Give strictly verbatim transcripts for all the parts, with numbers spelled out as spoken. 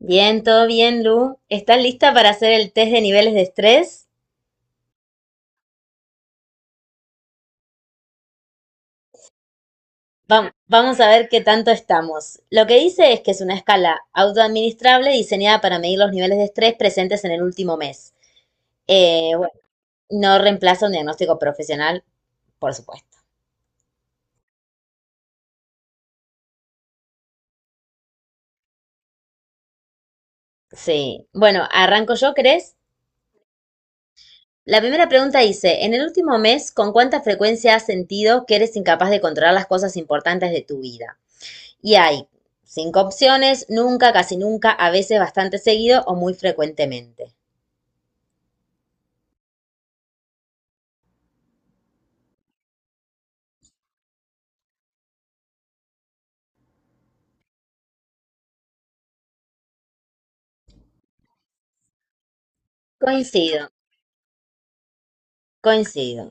Bien, todo bien, Lu. ¿Estás lista para hacer el test de niveles de estrés? Vam- Vamos a ver qué tanto estamos. Lo que dice es que es una escala autoadministrable diseñada para medir los niveles de estrés presentes en el último mes. Eh, bueno, no reemplaza un diagnóstico profesional, por supuesto. Sí. Bueno, arranco yo, ¿crees? La primera pregunta dice, en el último mes, ¿con cuánta frecuencia has sentido que eres incapaz de controlar las cosas importantes de tu vida? Y hay cinco opciones, nunca, casi nunca, a veces, bastante seguido o muy frecuentemente. Coincido, coincido.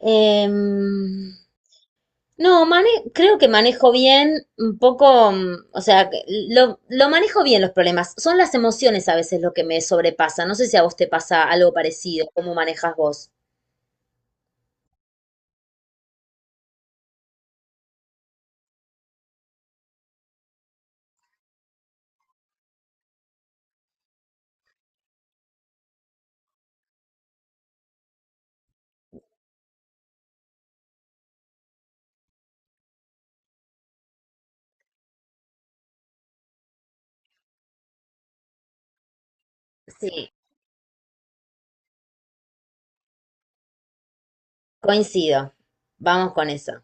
Em, no, mane- creo que manejo bien un poco, mm, o sea, que lo, lo manejo bien los problemas. Son las emociones a veces lo que me sobrepasa. No sé si a vos te pasa algo parecido, cómo manejas vos. Sí, coincido. Vamos con eso.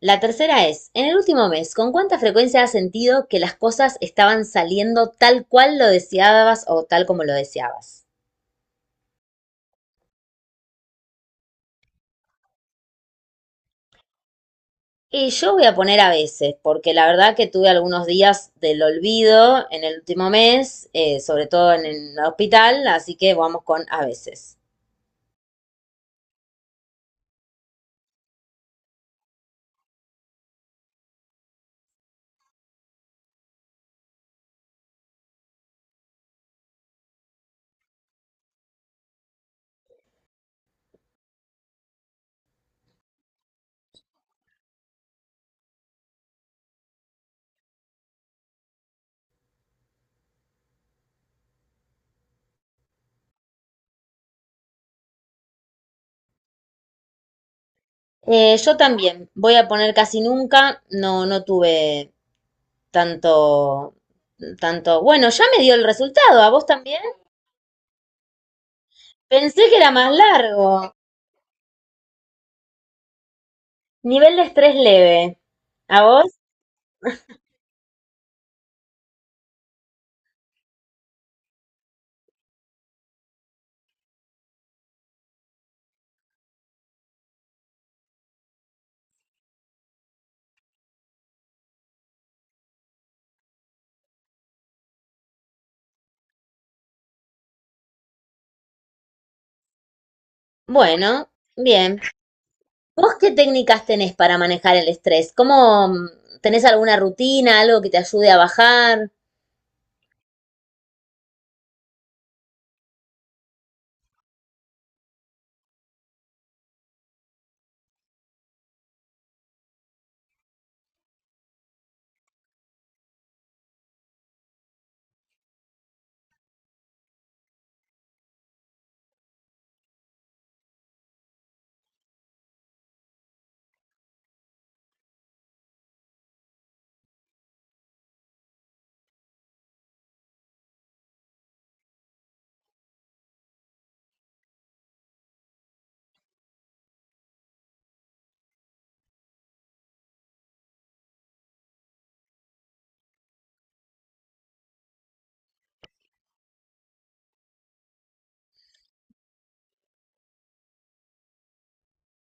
La tercera es, en el último mes, ¿con cuánta frecuencia has sentido que las cosas estaban saliendo tal cual lo deseabas o tal como lo deseabas? Y yo voy a poner a veces, porque la verdad que tuve algunos días del olvido en el último mes, eh, sobre todo en el hospital, así que vamos con a veces. Eh, yo también voy a poner casi nunca, no, no tuve tanto, tanto, bueno, ya me dio el resultado, ¿a vos también? Pensé que era más largo. Nivel de estrés leve. ¿A vos? Bueno, bien. ¿Vos qué técnicas tenés para manejar el estrés? ¿Cómo mm, tenés alguna rutina, algo que te ayude a bajar?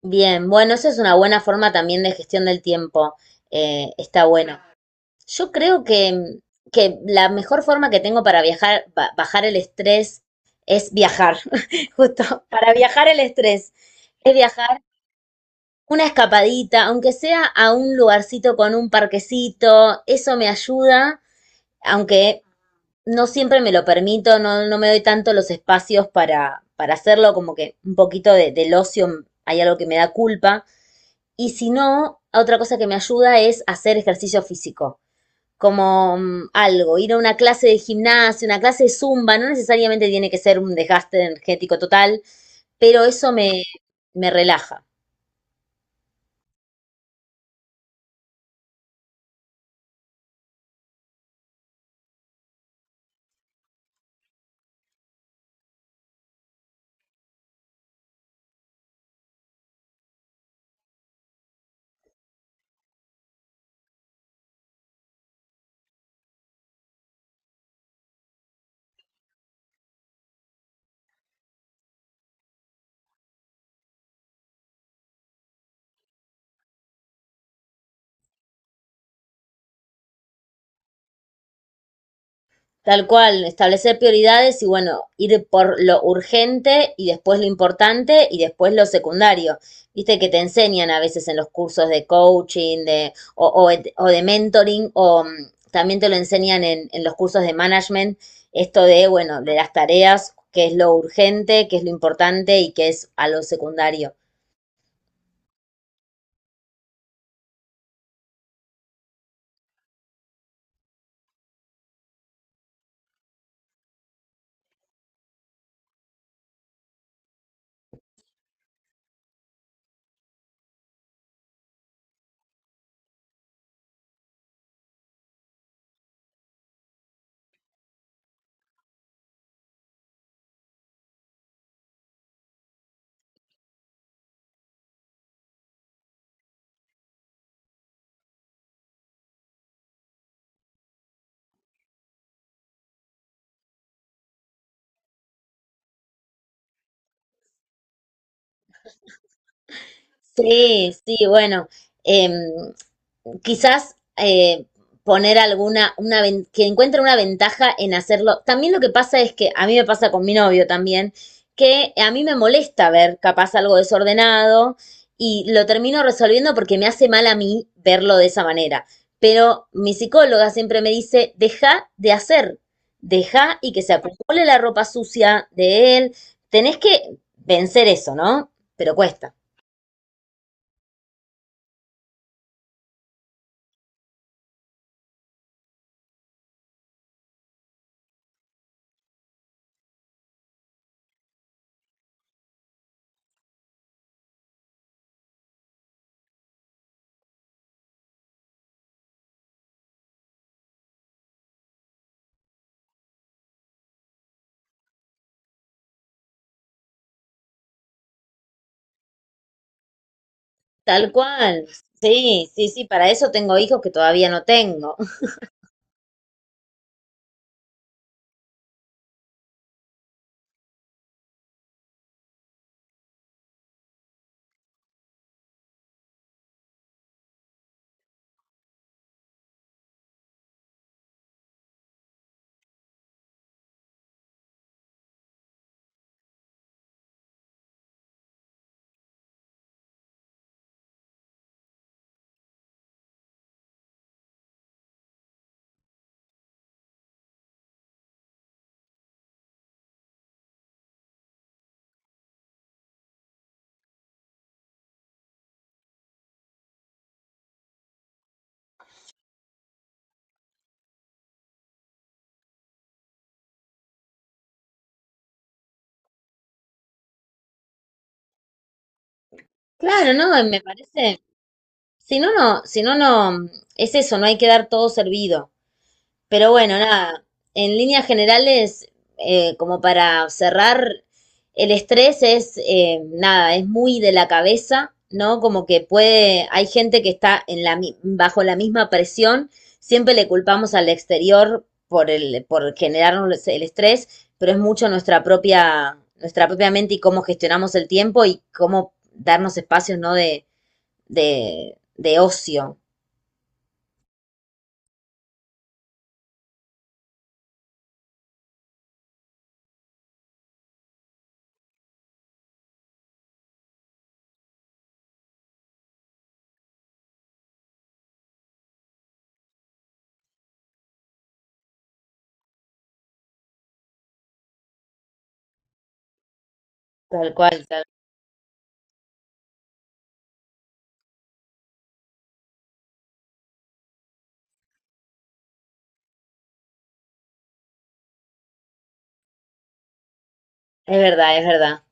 Bien, bueno, esa es una buena forma también de gestión del tiempo. Eh, está bueno. Yo creo que, mm, que la mejor forma que tengo para viajar, ba- bajar el estrés es viajar. Justo, para viajar el estrés es viajar. Una escapadita, aunque sea a un lugarcito con un parquecito, eso me ayuda, aunque no siempre me lo permito, no, no me doy tanto los espacios para, para hacerlo, como que un poquito de, del ocio hay algo que me da culpa. Y si no, otra cosa que me ayuda es hacer ejercicio físico, como mm, algo, ir a una clase de gimnasia, una clase de zumba, no necesariamente tiene que ser un desgaste energético total, pero eso me, me relaja. Tal cual, establecer prioridades y bueno, ir por lo urgente y después lo importante y después lo secundario. Viste que te enseñan a veces en los cursos de coaching de, o, o o de mentoring o mm, también te lo enseñan en, en los cursos de management, esto de, bueno, de las tareas, qué es lo urgente, qué es lo importante y qué es a lo secundario. Sí, sí, bueno, em, quizás eh, poner alguna, una, que encuentre una ventaja en hacerlo. También lo que pasa es que a mí me pasa con mi novio también, que a mí me molesta ver capaz algo desordenado y lo termino resolviendo porque me hace mal a mí verlo de esa manera. Pero mi psicóloga siempre me dice, deja de hacer, deja y que se acumule la ropa sucia de él. Tenés que vencer eso, ¿no? Pero cuesta. Tal cual. Sí, sí, sí, para eso tengo hijos que todavía no tengo. Claro, no, me parece, si no, no, si no, no, es eso, no hay que dar todo servido. Pero bueno, nada, en líneas generales, eh, como para cerrar, el estrés es, eh, nada, es muy de la cabeza, ¿no? Como que puede, hay gente que está en la, mi- bajo la misma presión, siempre le culpamos al exterior por el, por generarnos el estrés, pero es mucho nuestra propia, nuestra propia mente y cómo gestionamos el tiempo y cómo darnos espacios, ¿no? De, de, de ocio. Tal cual, tal. Es verdad, es verdad.